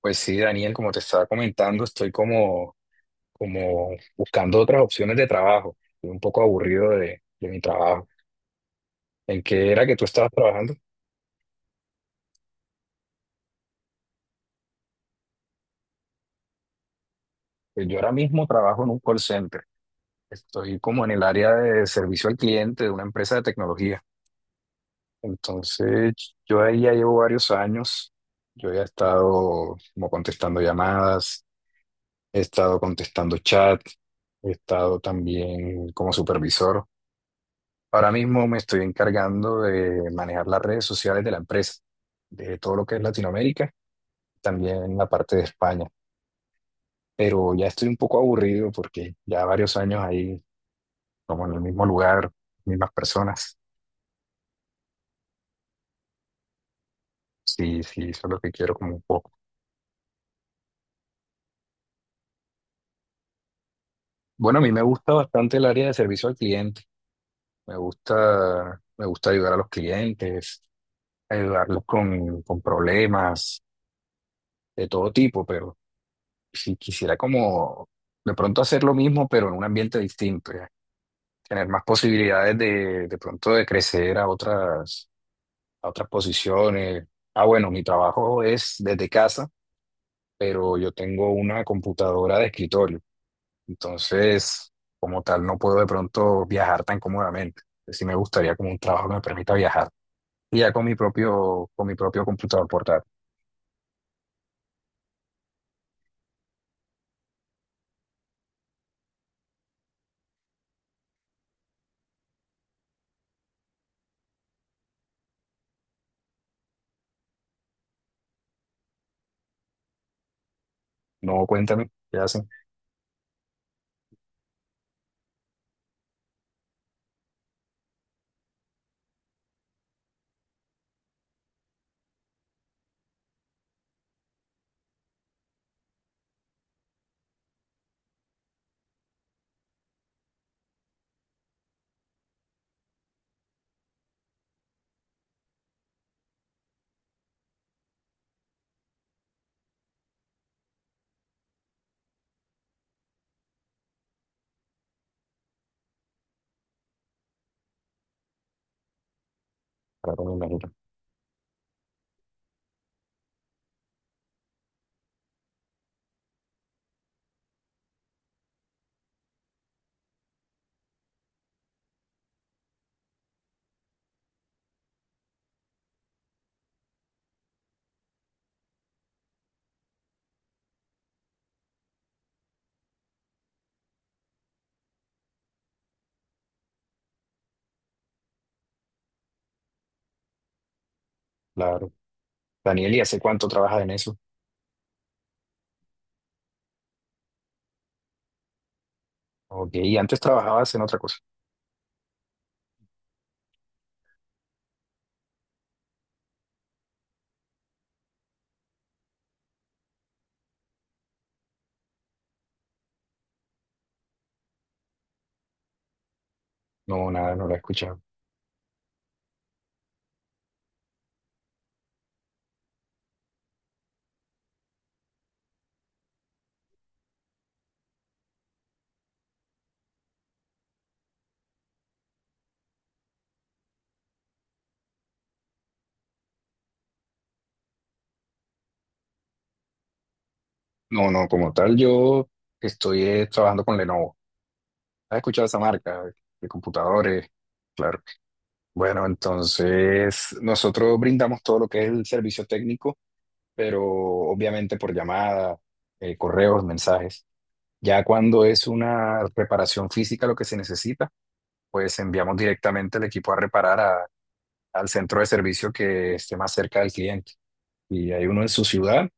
Pues sí, Daniel, como te estaba comentando, estoy como buscando otras opciones de trabajo. Estoy un poco aburrido de mi trabajo. ¿En qué era que tú estabas trabajando? Pues yo ahora mismo trabajo en un call center. Estoy como en el área de servicio al cliente de una empresa de tecnología. Entonces, yo ahí ya llevo varios años. Yo ya he estado como contestando llamadas, he estado contestando chat, he estado también como supervisor. Ahora mismo me estoy encargando de manejar las redes sociales de la empresa, de todo lo que es Latinoamérica, también la parte de España. Pero ya estoy un poco aburrido porque ya varios años ahí, como en el mismo lugar, mismas personas. Sí, sí, eso es lo que quiero como un poco. Bueno, a mí me gusta bastante el área de servicio al cliente. Me gusta ayudar a los clientes, ayudarlos con problemas de todo tipo, pero si quisiera como de pronto hacer lo mismo, pero en un ambiente distinto. Tener más posibilidades de pronto de crecer a otras posiciones. Ah, bueno, mi trabajo es desde casa, pero yo tengo una computadora de escritorio, entonces como tal no puedo de pronto viajar tan cómodamente. Sí me gustaría como un trabajo que me permita viajar. Y ya con mi propio computador portátil. No, cuéntame, ¿qué hacen? Claro, me imagino. Claro. Daniel, ¿y hace cuánto trabajas en eso? Ok, y antes trabajabas en otra cosa. No, nada, no lo he escuchado. No, no, como tal, yo estoy trabajando con Lenovo. ¿Has escuchado esa marca de computadores? Claro. Bueno, entonces nosotros brindamos todo lo que es el servicio técnico, pero obviamente por llamada, correos, mensajes. Ya cuando es una reparación física lo que se necesita, pues enviamos directamente el equipo a reparar al centro de servicio que esté más cerca del cliente. Y hay uno en su ciudad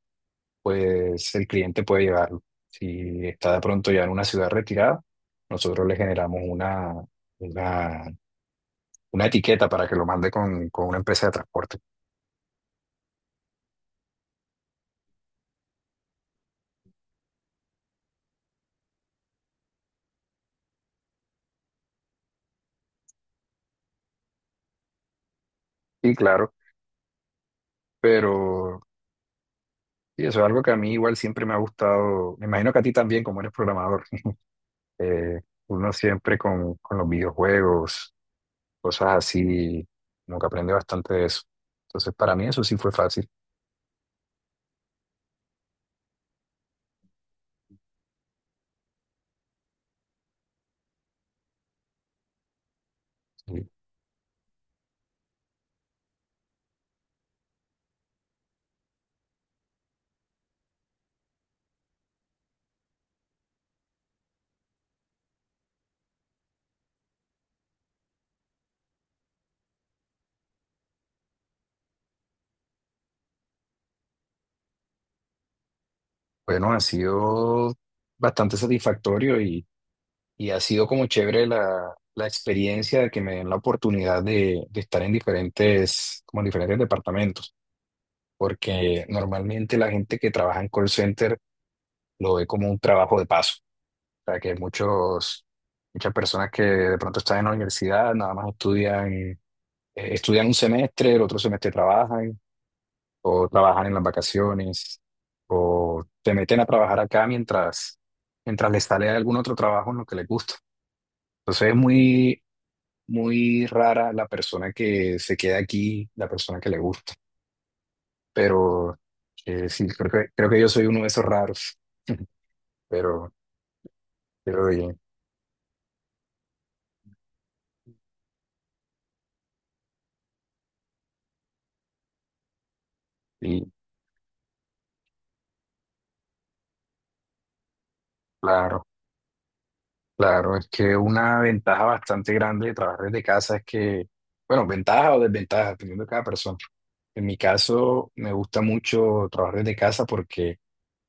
pues el cliente puede llevarlo. Si está de pronto ya en una ciudad retirada, nosotros le generamos una, una etiqueta para que lo mande con una empresa de transporte. Y claro, pero y eso es algo que a mí igual siempre me ha gustado. Me imagino que a ti también, como eres programador, eh, uno siempre con los videojuegos, cosas así, como que aprende bastante de eso. Entonces, para mí eso sí fue fácil. Y, Bueno, ha sido bastante satisfactorio y ha sido como chévere la experiencia de que me den la oportunidad de estar en diferentes, como en diferentes departamentos, porque normalmente la gente que trabaja en call center lo ve como un trabajo de paso, o sea que muchos, muchas personas que de pronto están en la universidad, nada más estudian, estudian un semestre, el otro semestre trabajan, o trabajan en las vacaciones, o se meten a trabajar acá mientras, mientras les sale algún otro trabajo en lo que les gusta. Entonces es muy, muy rara la persona que se queda aquí, la persona que le gusta. Pero sí, creo que yo soy uno de esos raros. Pero, pero bien, y claro, claro, es que una ventaja bastante grande de trabajar desde casa es que, bueno, ventaja o desventaja, dependiendo de cada persona. En mi caso, me gusta mucho trabajar desde casa porque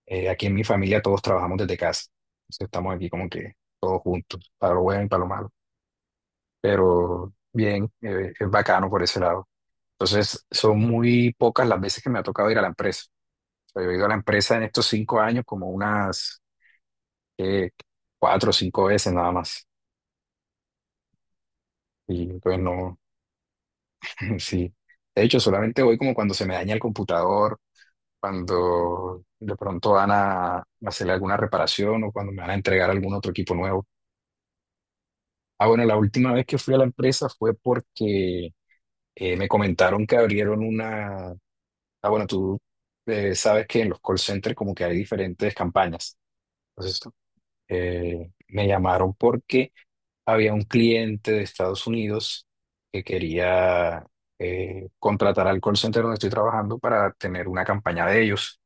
aquí en mi familia todos trabajamos desde casa. Entonces estamos aquí como que todos juntos, para lo bueno y para lo malo. Pero bien, es bacano por ese lado. Entonces, son muy pocas las veces que me ha tocado ir a la empresa. O sea, yo he ido a la empresa en estos 5 años como unas eh, cuatro o cinco veces nada más. Y pues no, sí. De hecho, solamente voy como cuando se me daña el computador, cuando de pronto van a hacerle alguna reparación o cuando me van a entregar algún otro equipo nuevo. Ah, bueno, la última vez que fui a la empresa fue porque me comentaron que abrieron una. Ah, bueno, tú sabes que en los call centers como que hay diferentes campañas. Entonces, me llamaron porque había un cliente de Estados Unidos que quería contratar al call center donde estoy trabajando para tener una campaña de ellos.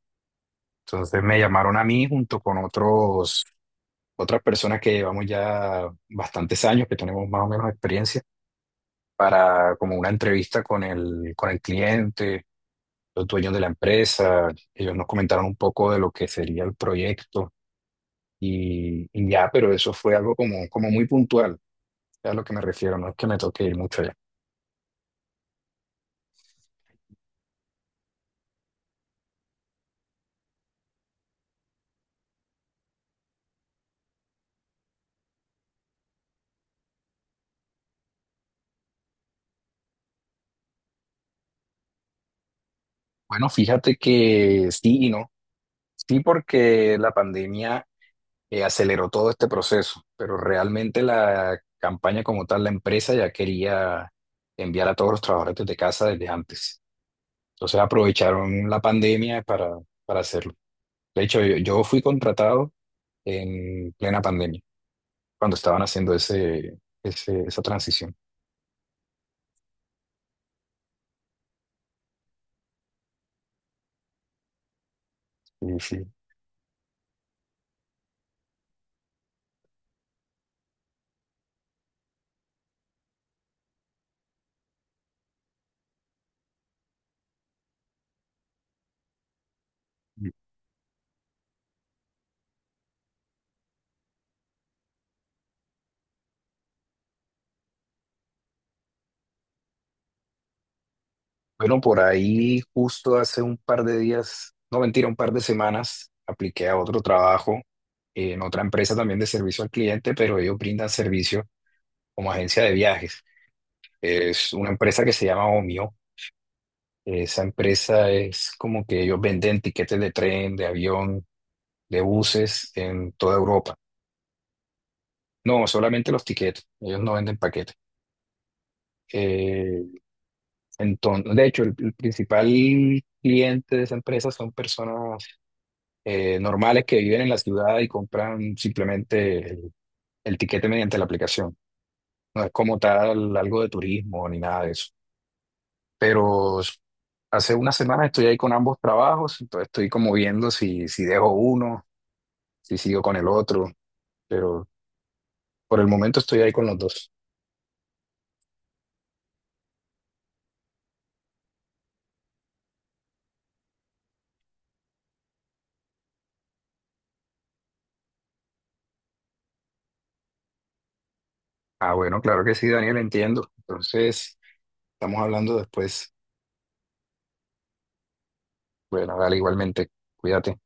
Entonces me llamaron a mí junto con otros, otras personas que llevamos ya bastantes años, que tenemos más o menos experiencia, para como una entrevista con el cliente los dueños de la empresa, ellos nos comentaron un poco de lo que sería el proyecto y ya, pero eso fue algo como, como muy puntual, es a lo que me refiero, no es que me toque ir mucho allá. Bueno, fíjate que sí y no, sí porque la pandemia aceleró todo este proceso, pero realmente la campaña como tal, la empresa ya quería enviar a todos los trabajadores desde casa desde antes. Entonces aprovecharon la pandemia para hacerlo. De hecho, yo fui contratado en plena pandemia, cuando estaban haciendo esa transición. Sí, sí. Bueno, por ahí justo hace un par de días, no mentira, un par de semanas, apliqué a otro trabajo en otra empresa también de servicio al cliente, pero ellos brindan servicio como agencia de viajes. Es una empresa que se llama Omio. Esa empresa es como que ellos venden tiquetes de tren, de avión, de buses en toda Europa. No, solamente los tiquetes. Ellos no venden paquetes. Eh, Entonces, de hecho, el principal cliente de esa empresa son personas normales que viven en la ciudad y compran simplemente el tiquete mediante la aplicación. No es como tal algo de turismo ni nada de eso. Pero hace unas semanas estoy ahí con ambos trabajos, entonces estoy como viendo si dejo uno, si sigo con el otro, pero por el momento estoy ahí con los dos. Ah, bueno, claro que sí, Daniel, entiendo. Entonces, estamos hablando después. Bueno, dale igualmente, cuídate.